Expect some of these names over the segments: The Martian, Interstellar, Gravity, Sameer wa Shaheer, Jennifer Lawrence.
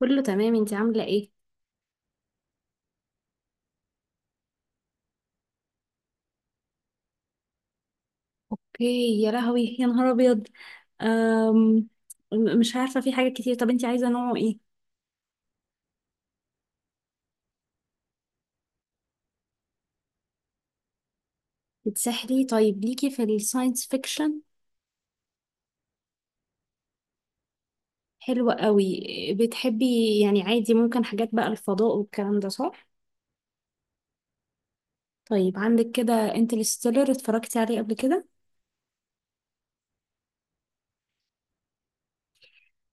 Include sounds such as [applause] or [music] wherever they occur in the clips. كله تمام، انتي عاملة ايه؟ اوكي، يا لهوي يا نهار ابيض. أم... مش عارفة، في حاجات كتير. طب انتي عايزة نوعه ايه؟ بتسحلي؟ طيب ليكي في الساينس فيكشن. حلوة قوي. بتحبي يعني عادي ممكن حاجات بقى الفضاء والكلام ده، صح؟ طيب عندك كده انترستيلر، اتفرجتي عليه قبل كده؟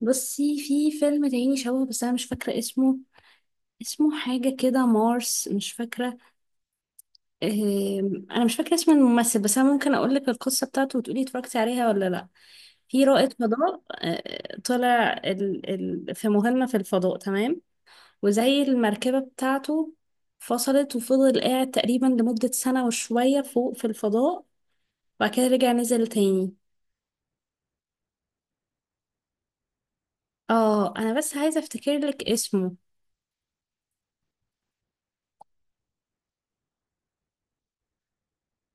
بصي، في فيلم تاني شبهه بس انا مش فاكرة اسمه. اسمه حاجة كده مارس، مش فاكرة. انا مش فاكره اسم الممثل، بس انا ممكن اقول لك القصه بتاعته وتقولي اتفرجتي عليها ولا لا. في رائد فضاء، طلع في مهمه في الفضاء، تمام. وزي المركبه بتاعته فصلت وفضل قاعد تقريبا لمده سنه وشويه فوق في الفضاء. وبعد كده رجع نزل تاني. اه، انا بس عايزه افتكر لك اسمه.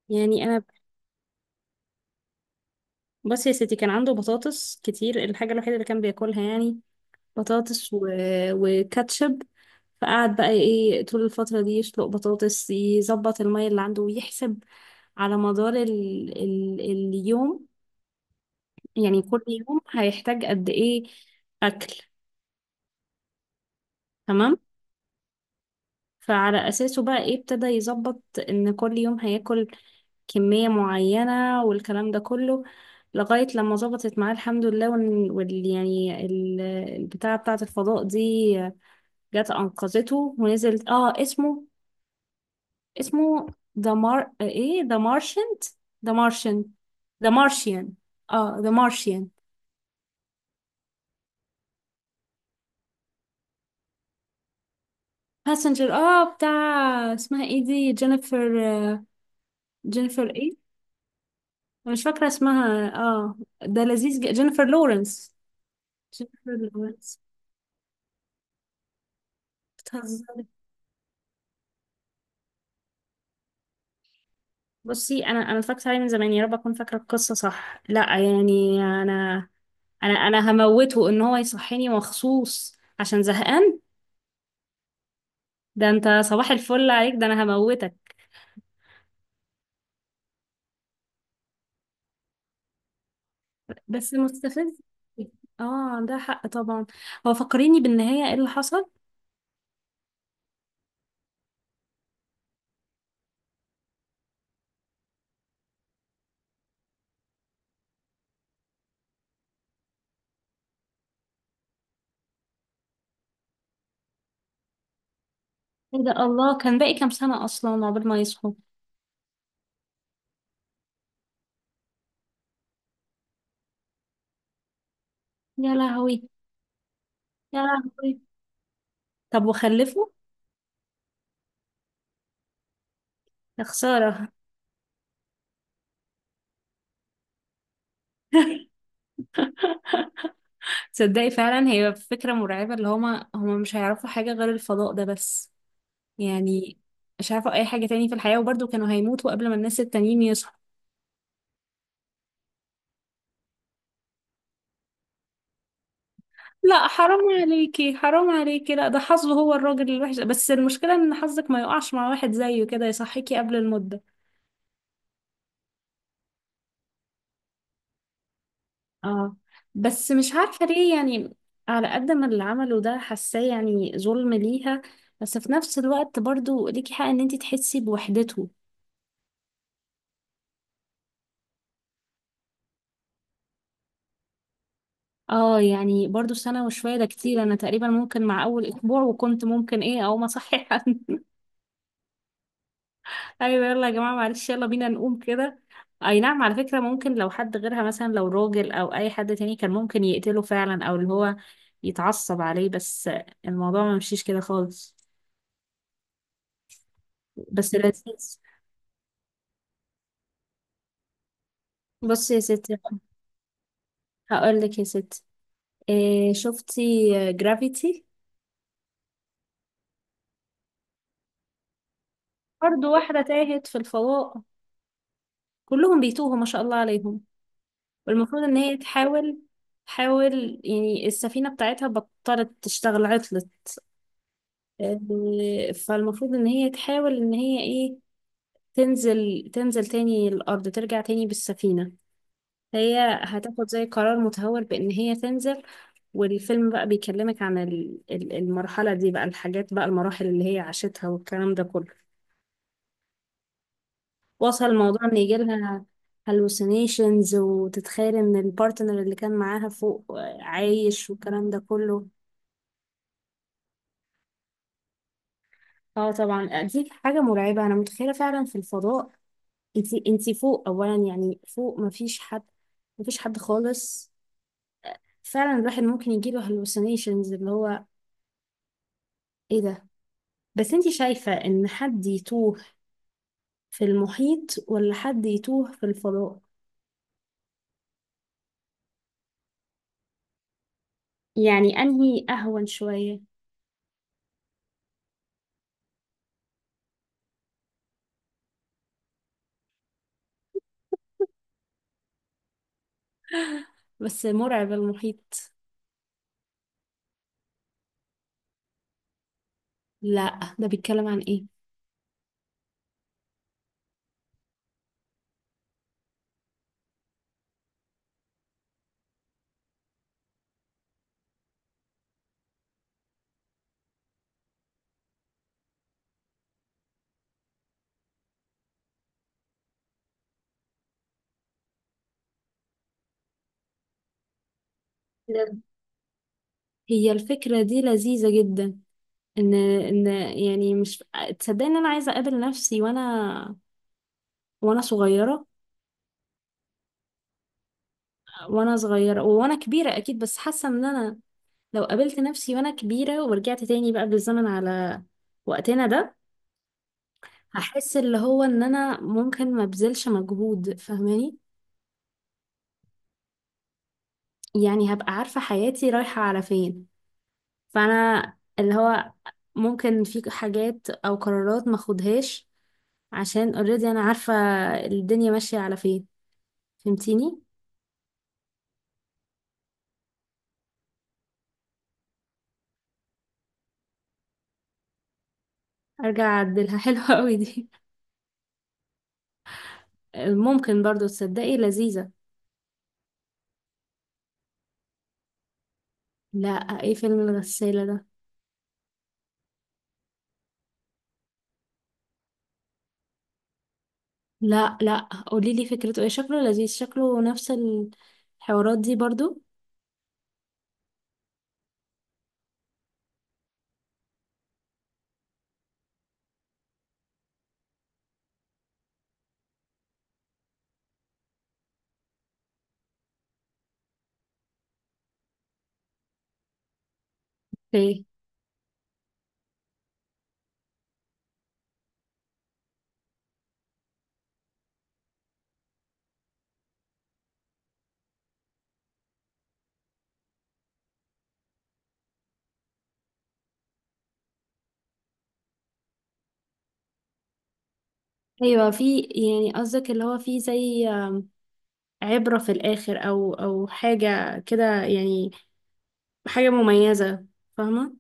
يعني انا. بصي يا ستي، كان عنده بطاطس كتير. الحاجه الوحيده اللي كان بياكلها يعني بطاطس وكاتشب. فقعد بقى ايه طول الفترة دي يسلق بطاطس، يظبط المية اللي عنده، ويحسب على مدار اليوم يعني كل يوم هيحتاج قد ايه أكل. تمام. فعلى أساسه بقى ايه ابتدى يظبط إن كل يوم هياكل كمية معينة والكلام ده كله، لغاية لما ظبطت معاه الحمد لله. البتاعة بتاعة الفضاء دي جت أنقذته ونزلت. اه، اسمه ذا مار ايه، ذا مارشن ذا مارشيان. اه، ذا مارشيان. باسنجر، بتاع اسمها ايه دي، جينيفر جينيفر ايه؟ أنا مش فاكرة اسمها. اه، ده لذيذ. جينيفر لورنس. جينيفر لورنس. بتهزري؟ بصي، انا اتفرجت عليه من زمان، يا رب اكون فاكرة القصة صح. لا يعني انا. انا هموته ان هو يصحيني مخصوص عشان زهقان. ده انت صباح الفل عليك؟ ده انا هموتك. بس مستفز. اه، عندها حق طبعا. هو فكريني، بالنهاية ايه اللي حصل؟ ايه ده! الله، كان باقي كام سنة اصلا عقبال ما يصحوا؟ يا لهوي يا لهوي. طب وخلفوا؟ يا خسارة. [laughs] تصدقي، فعلا هي فكرة مرعبة، اللي هما مش هيعرفوا حاجة غير الفضاء ده بس. يعني مش هيعرفوا اي حاجة تاني في الحياة، وبرضه كانوا هيموتوا قبل ما الناس التانيين يصحوا. لا حرام عليكي، حرام عليكي. لا، ده حظه هو الراجل الوحش، بس المشكلة ان حظك ما يقعش مع واحد زيه كده يصحيكي قبل المدة. اه، بس مش عارفة ليه يعني، على قد ما اللي عمله ده حاساه يعني ظلم ليها، بس في نفس الوقت برضو ليكي حق ان انتي تحسي بوحدته. اه، يعني برضو سنة وشوية ده كتير. انا تقريبا ممكن مع اول اسبوع، وكنت ممكن ايه، اقوم اصحي. [laughs] ايوه، يلا يا جماعة معلش، يلا بينا نقوم كده. اي نعم، على فكرة ممكن لو حد غيرها، مثلا لو راجل او اي حد تاني، كان ممكن يقتله فعلا، او اللي هو يتعصب عليه، بس الموضوع ما مشيش كده خالص. بس لذيذ. بصي يا ستي، هقول لك يا ستي. إيه، شفتي جرافيتي؟ برضو واحدة تاهت في الفضاء. كلهم بيتوهوا ما شاء الله عليهم. والمفروض ان هي تحاول يعني، السفينة بتاعتها بطلت تشتغل، عطلت. فالمفروض ان هي تحاول ان هي ايه، تنزل تاني الارض، ترجع تاني بالسفينة. هي هتاخد زي قرار متهور بان هي تنزل. والفيلم بقى بيكلمك عن المرحلة دي بقى، الحاجات بقى، المراحل اللي هي عاشتها والكلام ده كله. وصل الموضوع ان يجي لها هلوسينيشنز، وتتخيل ان البارتنر اللي كان معاها فوق عايش والكلام ده كله. اه طبعا. دي حاجة مرعبة، انا متخيلة فعلا في الفضاء. انتي فوق اولا، يعني فوق مفيش حد. مفيش حد خالص. فعلا الواحد ممكن يجيله هلوسينيشنز، اللي هو ايه ده. بس انتي شايفة ان حد يتوه في المحيط، ولا حد يتوه في الفضاء، يعني انهي اهون شوية؟ بس مرعب المحيط. لا، ده بيتكلم عن ايه؟ هي الفكرة دي لذيذة جدا، ان ان، يعني مش. تصدقني ان انا عايزة اقابل نفسي وانا صغيرة. وانا صغيرة وانا كبيرة اكيد، بس حاسة ان انا لو قابلت نفسي وانا كبيرة ورجعت تاني بقى بالزمن على وقتنا ده، هحس اللي هو ان انا ممكن ما بذلش مجهود، فاهماني؟ يعني هبقى عارفة حياتي رايحة على فين، فانا اللي هو ممكن في حاجات او قرارات ما اخدهاش، عشان اوريدي انا عارفة الدنيا ماشية على فين، فهمتيني؟ ارجع اعدلها. [laughs] حلوة قوي دي. ممكن برضو، تصدقي لذيذة. لا، ايه فيلم الغسالة ده؟ لا لا، قولي لي فكرته ايه، شكله لذيذ، شكله نفس الحوارات دي برضو. ايه؟ ايوه، في يعني قصدك اللي هو في زي عبرة في الاخر، او حاجة كده يعني، حاجة مميزة، فاهمة؟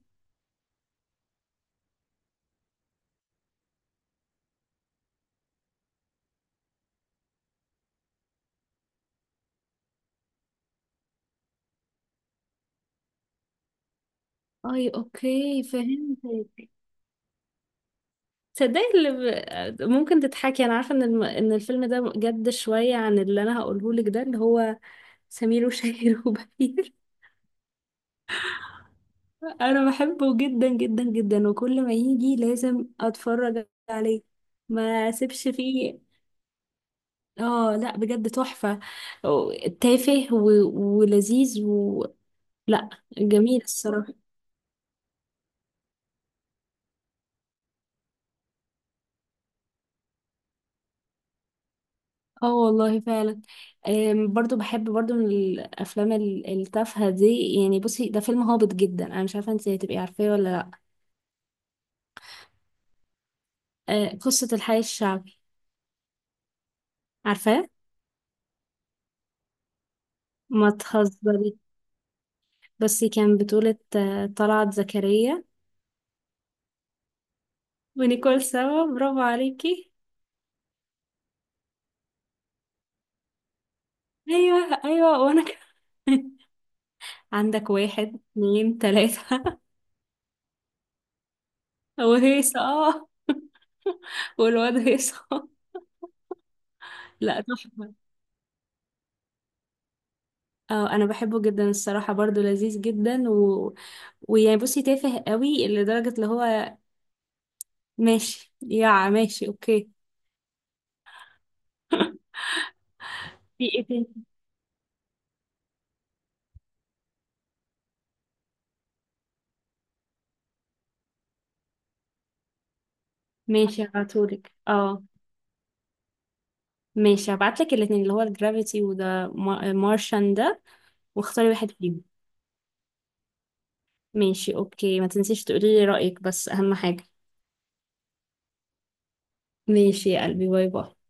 اي اوكي فهمتك. تصدقي اللي ممكن تضحكي، انا عارفه ان الفيلم ده جد شويه عن اللي انا هقوله لك ده، اللي هو سمير وشهير [laughs] وبهير. انا بحبه جدا جدا جدا، وكل ما يجي لازم اتفرج عليه، ما اسيبش فيه. اه لا بجد تحفه، تافه ولذيذ و... لا جميل الصراحه. اه والله فعلا. برضو بحب برضو من الافلام التافهه دي. يعني بصي، ده فيلم هابط جدا، انا مش عارفه انت هتبقي عارفاه ولا لا. قصة الحي الشعبي. عارفاه؟ ما تهزري. بس كان بطولة طلعت زكريا ونيكول سوا. برافو عليكي. ايوه ايوه، وانا كمان. [laughs] عندك واحد اتنين تلاتة [laughs] وهيصة، اه. والواد هيصة. [laughs] لا تحفة. اه انا بحبه جدا الصراحة، برضو لذيذ جدا و... ويعني بصي تافه قوي لدرجة اللي هو ماشي يا ماشي، اوكي. في ايه تاني؟ ماشي هبعتهولك، اه. ماشي هبعتلك الاتنين، اللي هو الجرافيتي، وده مارشان ده، واختاري واحد فيهم. ماشي، اوكي، ما تنسيش تقولي لي رأيك، بس اهم حاجة. ماشي يا قلبي، باي باي.